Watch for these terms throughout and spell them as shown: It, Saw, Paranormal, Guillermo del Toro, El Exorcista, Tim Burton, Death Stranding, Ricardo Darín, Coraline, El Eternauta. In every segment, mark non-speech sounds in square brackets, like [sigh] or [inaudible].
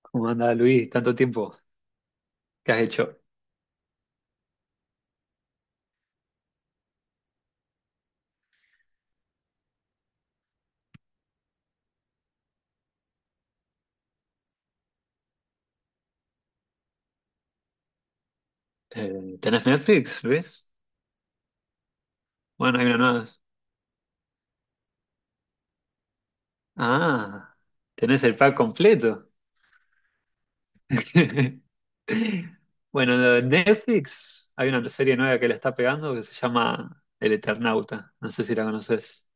¿Cómo anda Luis? Tanto tiempo. ¿Qué has hecho? ¿Tenés Netflix, Luis? Bueno, hay una nueva. Ah, tenés el pack completo. [laughs] Bueno, de Netflix hay una serie nueva que la está pegando que se llama El Eternauta. No sé si la conoces.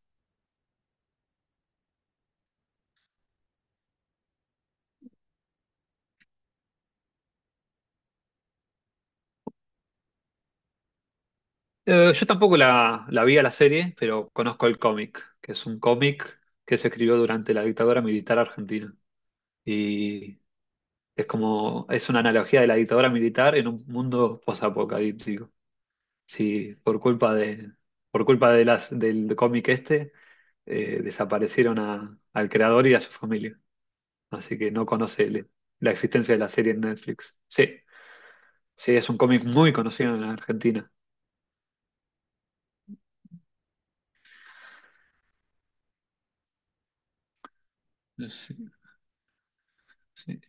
Yo tampoco la vi a la serie, pero conozco el cómic, que es un cómic que se escribió durante la dictadura militar argentina. Y es como, es una analogía de la dictadura militar en un mundo posapocalíptico. Sí, por culpa de, por culpa de las, del cómic este, desaparecieron al creador y a su familia. Así que no conoce la existencia de la serie en Netflix. Sí, sí, es un cómic muy conocido en Argentina. Sí, sí.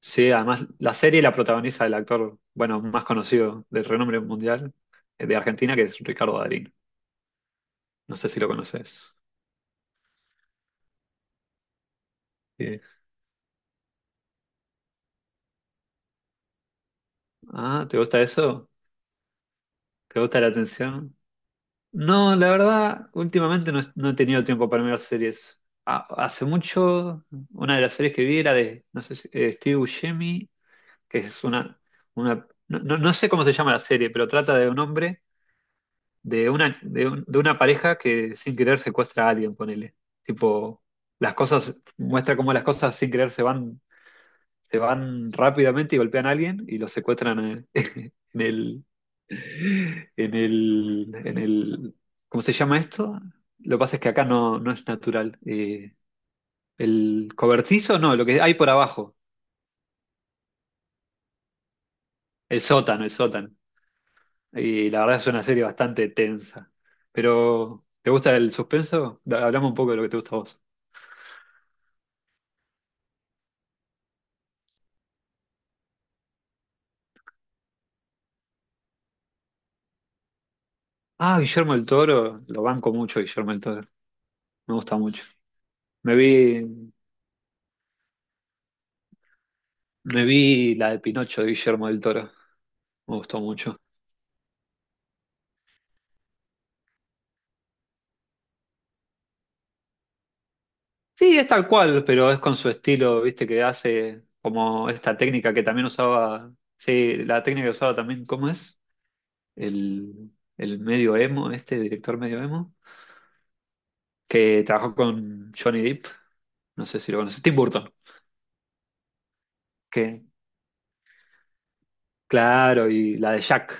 Sí, además la serie la protagoniza el actor, bueno, más conocido de renombre mundial de Argentina, que es Ricardo Darín. No sé si lo conoces. Sí. Ah, ¿te gusta eso? ¿Te gusta la atención? No, la verdad, últimamente no, no he tenido tiempo para mirar series. Hace mucho, una de las series que vi era de, no sé si Steve Buscemi, que es una no sé cómo se llama la serie, pero trata de un hombre, de de una pareja que sin querer secuestra a alguien, ponele. Tipo, las cosas, muestra cómo las cosas sin querer se van rápidamente y golpean a alguien y lo secuestran [laughs] en en el, ¿cómo se llama esto? Lo que pasa es que acá no, no es natural. El cobertizo, no, lo que hay por abajo, el sótano, el sótano. Y la verdad es una serie bastante tensa. Pero, ¿te gusta el suspenso? Hablamos un poco de lo que te gusta a vos. Ah, Guillermo el Toro, lo banco mucho, Guillermo el Toro. Me gusta mucho. Me vi, me vi la de Pinocho de Guillermo del Toro. Me gustó mucho. Sí, es tal cual, pero es con su estilo, viste, que hace como esta técnica que también usaba. Sí, la técnica que usaba también, ¿cómo es? El, el medio emo, este director medio emo, que trabajó con Johnny Depp, no sé si lo conoces, Tim Burton, que, claro, y la de Jack,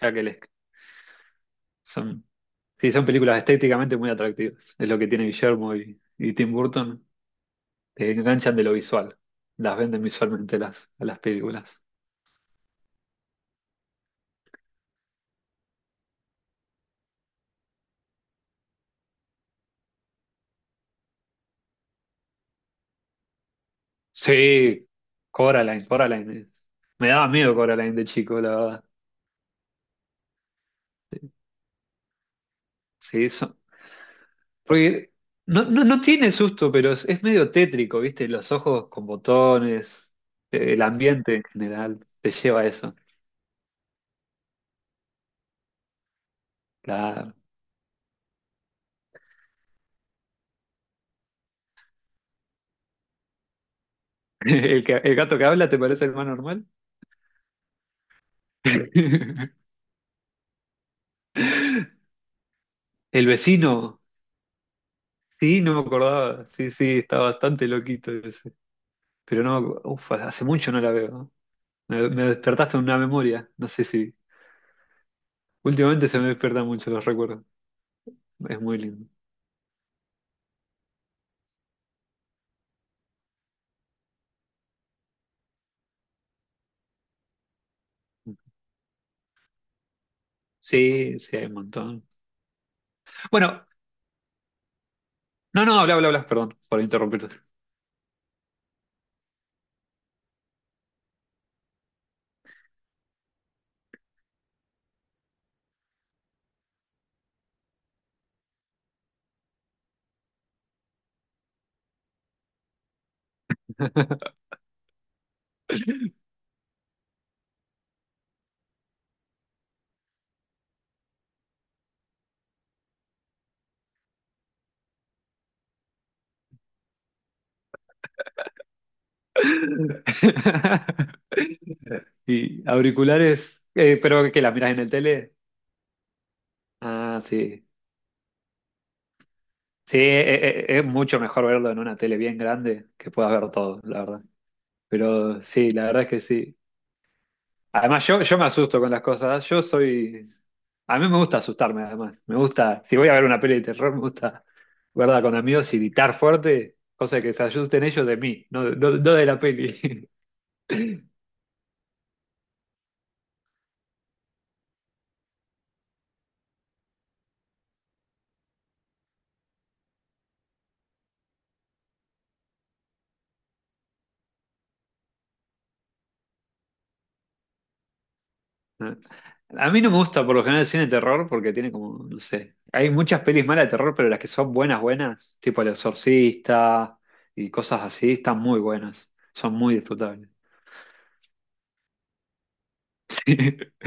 Jack el, son, sí, son películas estéticamente muy atractivas, es lo que tiene Guillermo y Tim Burton, te enganchan de lo visual, las venden visualmente las, a las películas. Sí, Coraline. Me daba miedo Coraline de chico, la verdad. Sí, eso. Porque no tiene susto, pero es medio tétrico, ¿viste? Los ojos con botones, el ambiente en general te lleva a eso. Claro. [laughs] ¿El, el gato que habla te parece el más normal? [laughs] El vecino, sí, no me acordaba. Sí, sí, está bastante loquito ese. Pero no, uf, hace mucho no la veo. ¿No? Me despertaste una memoria. No sé si. Últimamente se me despiertan mucho los recuerdos. Es muy lindo. Sí, sí, hay un montón. Bueno, no, no, habla, perdón por interrumpirte. [laughs] Y auriculares, pero que la miras en el tele. Ah, sí. Sí, es mucho mejor verlo en una tele bien grande que puedas ver todo, la verdad. Pero sí, la verdad es que sí. Además, yo me asusto con las cosas. Yo soy. A mí me gusta asustarme, además. Me gusta. Si voy a ver una peli de terror, me gusta verla con amigos y gritar fuerte, cosa que se asusten ellos de mí, no, de no de la peli. [laughs] A mí no me gusta por lo general el cine de terror porque tiene como, no sé. Hay muchas pelis malas de terror, pero las que son buenas, tipo El Exorcista y cosas así, están muy buenas. Son muy disfrutables. [laughs]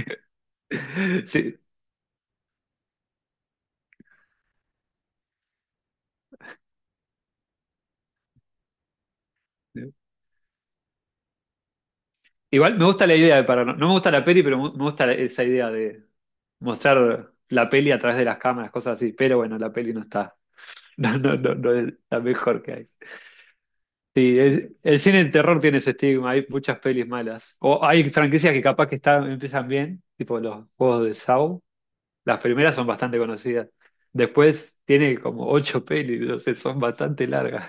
Sí. Sí. Igual me gusta la idea de Paranormal. No no me gusta la peli, pero me gusta esa idea de mostrar la peli a través de las cámaras, cosas así. Pero bueno, la peli no está. [laughs] No es la mejor que hay. Sí, el cine de terror tiene ese estigma. Hay muchas pelis malas. O hay franquicias que capaz que están, empiezan bien, tipo los juegos de Saw. Las primeras son bastante conocidas. Después tiene como 8 pelis, no sé, son bastante largas.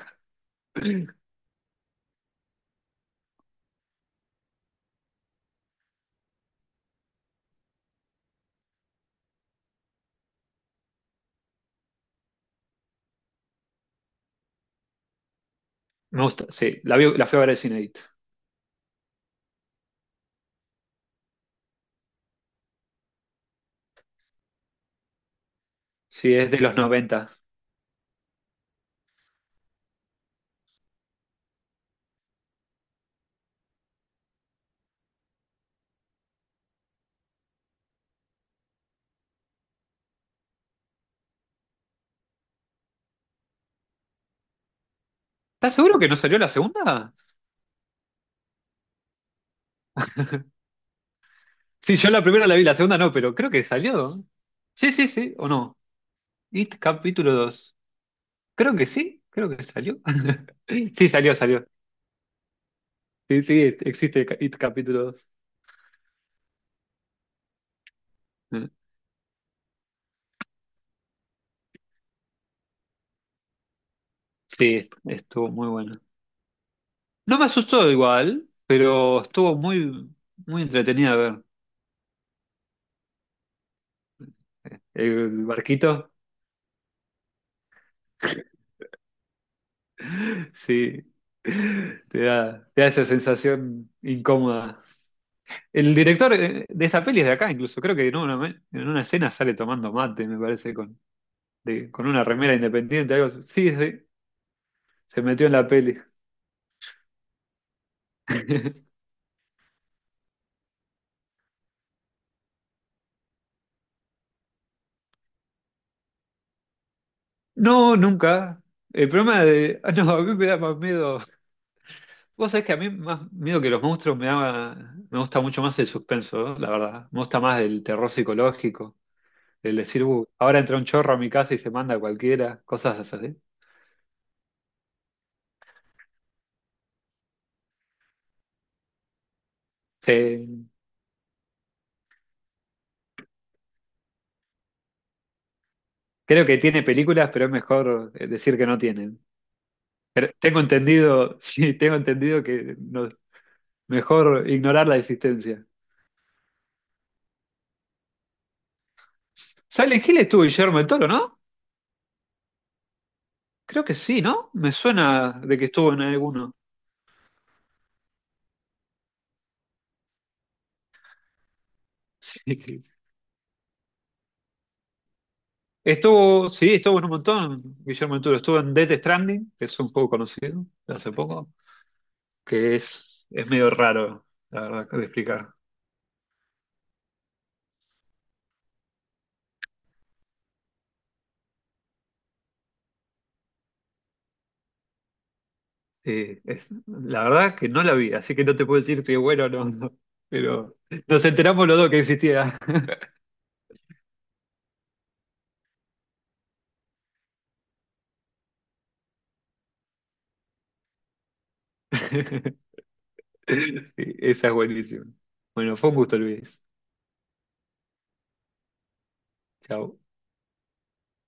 Me gusta, sí. La, la fui a ver al cine. Sí, es de los 90. ¿Estás seguro que no salió la segunda? Sí, yo la primera la vi, la segunda no, pero creo que salió. Sí, o no. It capítulo 2. Creo que sí, creo que salió. [laughs] Sí, salió, salió. Sí, sí, existe It capítulo 2. Mm. Sí, estuvo muy bueno. No me asustó igual, pero estuvo muy, muy entretenida ver el barquito. Sí, te da esa sensación incómoda. El director de esa peli es de acá, incluso. Creo que en en una escena sale tomando mate, me parece, con. Con una remera independiente, algo así. Sí, sí, se metió en la peli. [laughs] No, nunca. El problema de... ah, no, a mí me da más miedo. Vos sabés que a mí más miedo que los monstruos me da, me gusta mucho más el suspenso, ¿eh? La verdad. Me gusta más el terror psicológico, el decir, ahora entra un chorro a mi casa y se manda a cualquiera, cosas así. Sí, creo que tiene películas, pero es mejor decir que no tienen. Pero tengo entendido, [laughs] sí, tengo entendido que mejor ignorar la existencia. Silent Hill estuvo Guillermo del Toro, ¿no? Creo que sí, ¿no? Me suena de que estuvo en alguno. Sí. Estuvo, sí, estuvo en un montón, Guillermo del Toro. Estuvo en Death Stranding, que es un poco conocido de hace poco, que es medio raro, la verdad, de explicar. Sí, la verdad que no la vi, así que no te puedo decir si es bueno o no, no. Pero nos enteramos los dos que existía. [laughs] Sí, esa es buenísima. Bueno, fue un gusto, Luis. Chao.